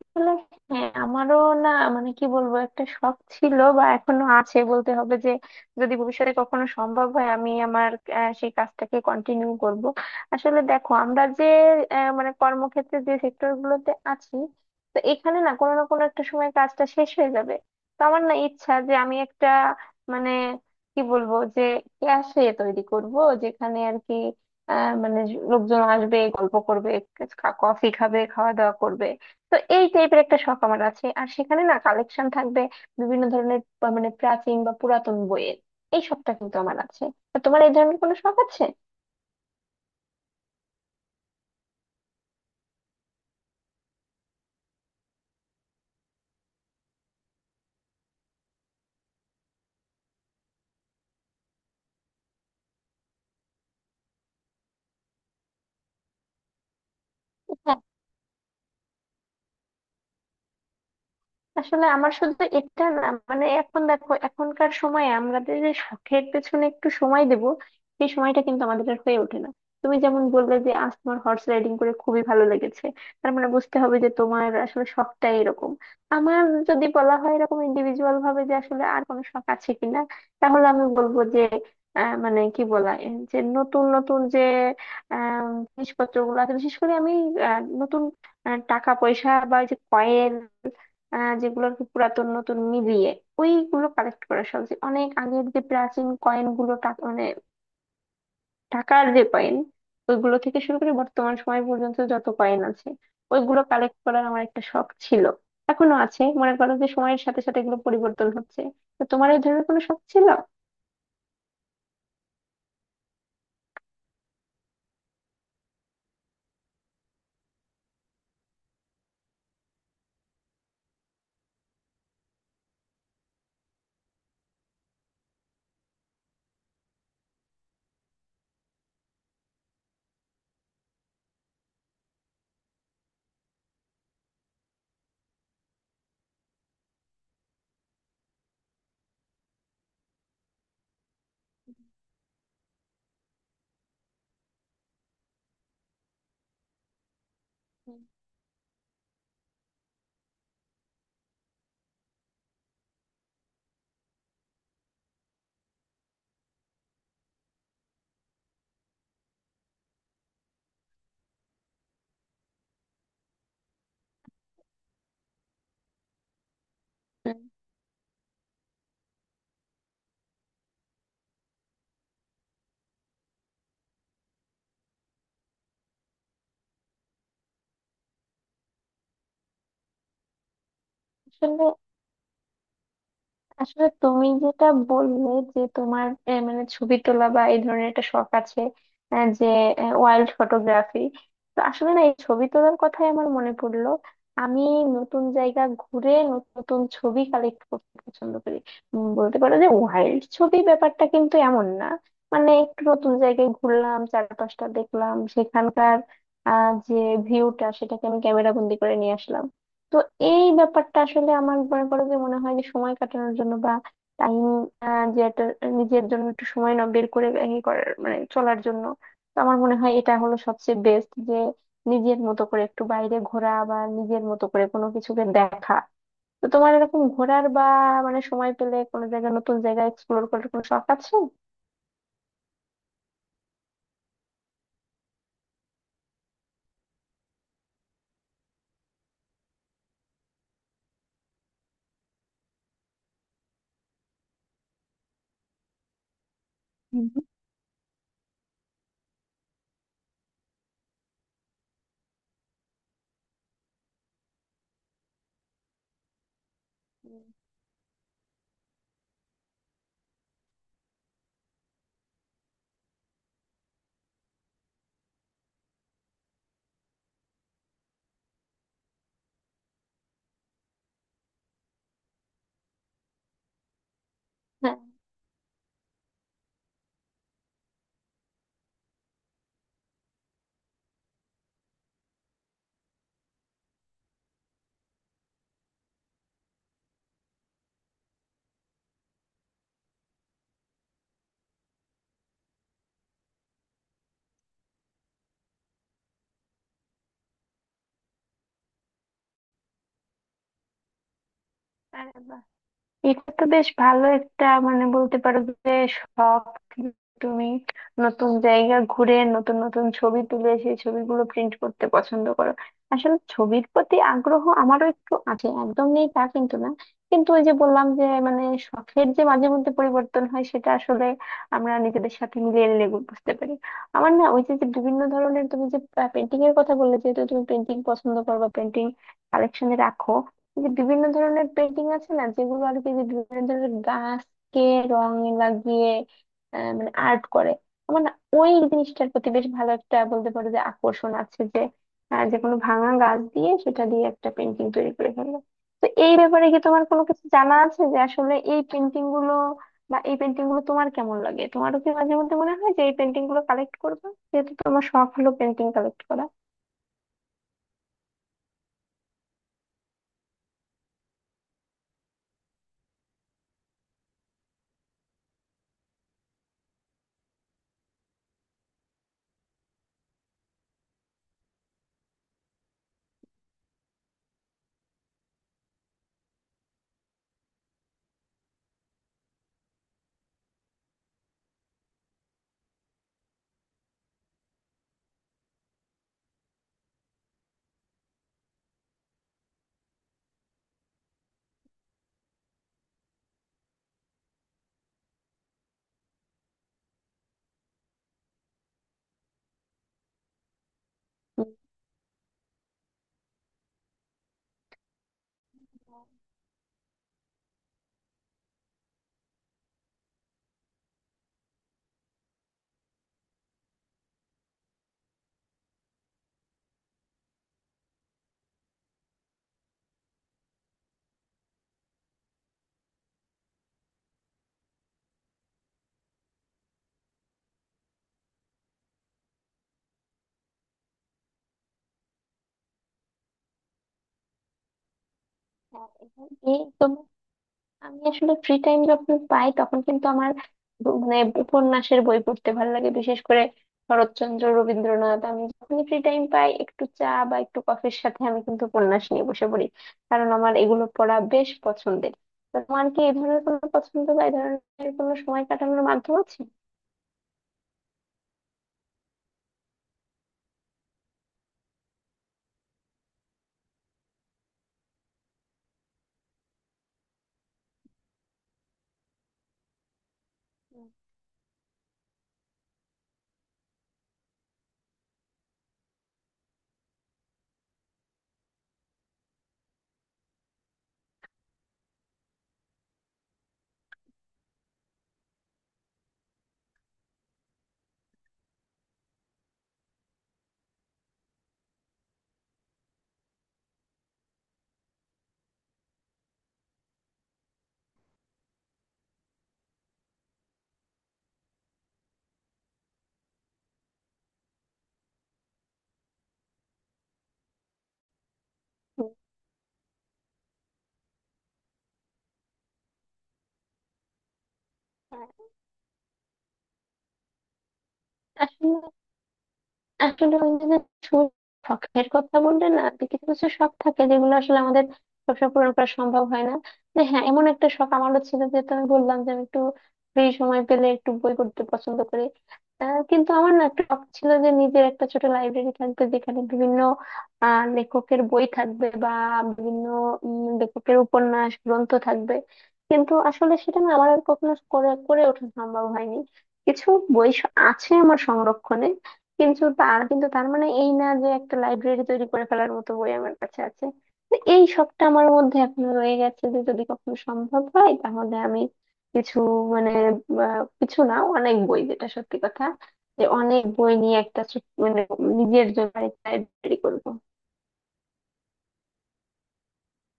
আসলে হ্যাঁ আমারও না কি বলবো একটা শখ ছিল বা এখনো আছে বলতে হবে যে যদি ভবিষ্যতে কখনো সম্ভব হয় আমি আমার সেই কাজটাকে কন্টিনিউ করব। আসলে দেখো আমরা যে কর্মক্ষেত্রে যে সেক্টর গুলোতে আছি, তো এখানে না কোনো না কোনো একটা সময় কাজটা শেষ হয়ে যাবে। তো আমার না ইচ্ছা যে আমি একটা মানে কি বলবো যে ক্যাফে তৈরি করব, যেখানে আর কি আহ, মানে লোকজন আসবে, গল্প করবে, কফি খাবে, খাওয়া দাওয়া করবে। তো এই টাইপের একটা শখ আমার আছে, আর সেখানে না কালেকশন থাকবে বিভিন্ন ধরনের প্রাচীন বা পুরাতন বইয়ের। এই শখটা কিন্তু আমার আছে। তা তোমার এই ধরনের কোনো শখ আছে? আসলে আমার শুধু এটা না, এখন দেখো এখনকার সময়ে আমাদের যে শখের পেছনে একটু সময় দেব, সেই সময়টা কিন্তু আমাদের আর হয়ে ওঠে না। তুমি যেমন বললে যে আজ তোমার হর্স রাইডিং করে খুবই ভালো লেগেছে, তার মানে বুঝতে হবে যে তোমার আসলে শখটা এরকম। আমার যদি বলা হয় এরকম ইন্ডিভিজুয়াল ভাবে যে আসলে আর কোনো শখ আছে কিনা, তাহলে আমি বলবো যে কি বলা এর যে নতুন নতুন যে জিনিসপত্র গুলো আছে, বিশেষ করে আমি নতুন টাকা পয়সা বা এই যে কয়েন যেগুলো আর কি পুরাতন নতুন মিলিয়ে ওইগুলো কালেক্ট করা, সহজ অনেক আগের যে প্রাচীন কয়েন গুলো টা- মানে টাকার যে কয়েন, ওইগুলো থেকে শুরু করে বর্তমান সময় পর্যন্ত যত কয়েন আছে ওইগুলো কালেক্ট করার আমার একটা শখ ছিল, এখনো আছে। মনে করো যে সময়ের সাথে সাথে এগুলো পরিবর্তন হচ্ছে। তো তোমার এই ধরনের কোনো শখ ছিল? হুম। হুম। আসলে আসলে তুমি যেটা বললে যে তোমার ছবি তোলা বা এই ধরনের একটা শখ আছে, যে ওয়াইল্ড ফটোগ্রাফি। তো আসলে না এই ছবি তোলার কথাই আমার মনে পড়লো। আমি নতুন জায়গা ঘুরে নতুন নতুন ছবি কালেক্ট করতে পছন্দ করি। বলতে পারো যে ওয়াইল্ড ছবি ব্যাপারটা কিন্তু এমন না, একটু নতুন জায়গায় ঘুরলাম, চারপাশটা দেখলাম, সেখানকার আহ যে ভিউটা সেটাকে আমি ক্যামেরা বন্দি করে নিয়ে আসলাম। তো এই ব্যাপারটা আসলে আমার মনে করো যে মনে হয় যে সময় কাটানোর জন্য বা টাইম যে একটা নিজের জন্য একটু সময় না বের করে ই করার চলার জন্য, তো আমার মনে হয় এটা হলো সবচেয়ে বেস্ট যে নিজের মতো করে একটু বাইরে ঘোরা বা নিজের মতো করে কোনো কিছুকে দেখা। তো তোমার এরকম ঘোরার বা সময় পেলে কোনো জায়গায় নতুন জায়গা এক্সপ্লোর করার কোনো শখ আছে? হুম। হ্যাঁ। আরে বাহ, এটা তো বেশ ভালো একটা বলতে পারো যে শখ। তুমি নতুন জায়গা ঘুরে নতুন নতুন ছবি তুলে সেই ছবিগুলো প্রিন্ট করতে পছন্দ করো। আসলে ছবির প্রতি আগ্রহ আমারও একটু আছে, একদম নেই তা কিন্তু না। কিন্তু ওই যে বললাম যে শখের যে মাঝে মধ্যে পরিবর্তন হয় সেটা আসলে আমরা নিজেদের সাথে মিলিয়ে নিলে বুঝতে পারি। আমার না ওই যে যে বিভিন্ন ধরনের তুমি যে পেন্টিং এর কথা বললে, যেহেতু তুমি পেন্টিং পছন্দ করো বা পেন্টিং কালেকশনে রাখো, এই যে বিভিন্ন ধরনের পেন্টিং আছে না, যেগুলো আর কি যে বিভিন্ন ধরনের গাছকে রং লাগিয়ে আর্ট করে, আমার না ওই জিনিসটার প্রতি বেশ ভালো একটা বলতে পারো যে আকর্ষণ আছে যে যে কোনো ভাঙা গাছ দিয়ে সেটা দিয়ে একটা পেন্টিং তৈরি করে ফেললো। তো এই ব্যাপারে কি তোমার কোনো কিছু জানা আছে যে আসলে এই পেন্টিং গুলো বা এই পেন্টিং গুলো তোমার কেমন লাগে? তোমারও কি মাঝে মধ্যে মনে হয় যে এই পেন্টিং গুলো কালেক্ট করবে, যেহেতু তোমার শখ হলো পেন্টিং কালেক্ট করা? উম। হ্যাঁ, এবং এই তোমার আমি আসলে ফ্রি টাইম যখন পাই তখন কিন্তু আমার ব- মানে উপন্যাসের বই পড়তে ভালো লাগে, বিশেষ করে শরৎচন্দ্র, রবীন্দ্রনাথ। আমি যখনই ফ্রি টাইম পাই একটু চা বা একটু কফির সাথে আমি কিন্তু উপন্যাস নিয়ে বসে পড়ি, কারণ আমার এগুলো পড়া বেশ পছন্দের। তো তোমার কি এই ধরনের কোনো পছন্দ বা এই ধরনের কোনো সময় কাটানোর মাধ্যম আছে? হুম। হুম। হ্যাঁ। আসলে ওই যে যে শখ, শখের কথা বললে না, যে কিছু কিছু শখ থাকে যেগুলো আসলে আমাদের সবসময় পূরণ করা সম্ভব হয় না। যে হ্যাঁ এমন একটা শখ আমারও ছিল, যে আমি বললাম যে আমি একটু ফ্রি সময় পেলে একটু বই পড়তে পছন্দ করি। কিন্তু আমার না একটা শখ ছিল যে নিজের একটা ছোট লাইব্রেরি থাকবে, যেখানে বিভিন্ন লেখকের বই থাকবে বা বিভিন্ন লেখকের উপন্যাস গ্রন্থ থাকবে। কিন্তু আসলে সেটা না আমার আর কখনো করে করে ওঠা সম্ভব হয়নি। কিছু বই আছে আমার সংরক্ষণে, কিন্তু তার মানে এই না যে একটা লাইব্রেরি তৈরি করে ফেলার মতো বই আমার কাছে আছে। তো এই শখটা আমার মধ্যে এখনো রয়ে গেছে, যে যদি কখনো সম্ভব হয় তাহলে আমি কিছু মানে কিছু না, অনেক বই, যেটা সত্যি কথা, যে অনেক বই নিয়ে একটা ছোট- মানে নিজের জন্য লাইব্রেরি করবো।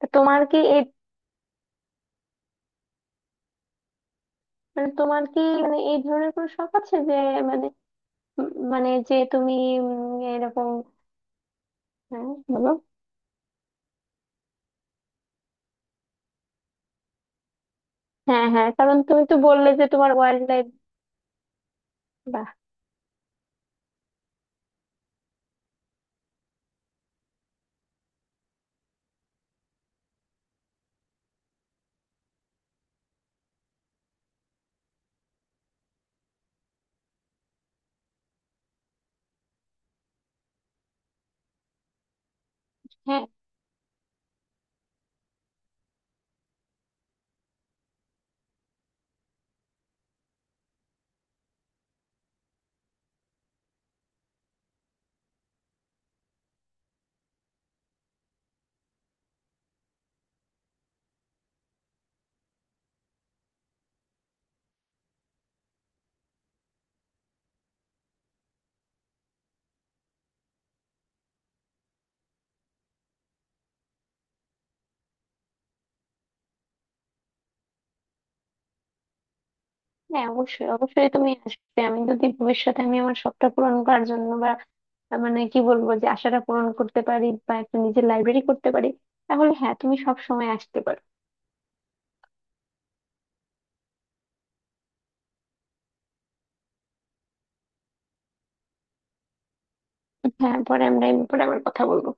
তা তোমার কি এই তোমার কি এই ধরনের কোনো শখ আছে যে মানে উম, মানে যে তুমি এরকম? হ্যাঁ, বলো। হ্যাঁ, হ্যাঁ, কারণ তুমি তো বললে যে তোমার ওয়াইল্ড লাইফ। হ্যাঁ, অবশ্যই অবশ্যই তুমি আসবে। আমি যদি ভবিষ্যতে আমি আমার শখটা পূরণ করার জন্য বা কি বলবো যে আশাটা পূরণ করতে পারি বা একটা নিজের লাইব্রেরি করতে পারি, তাহলে হ্যাঁ তুমি সব সময় আসতে পারো। হ্যাঁ, পরে আমরা এই ব্যাপারে আবার কথা বলবো।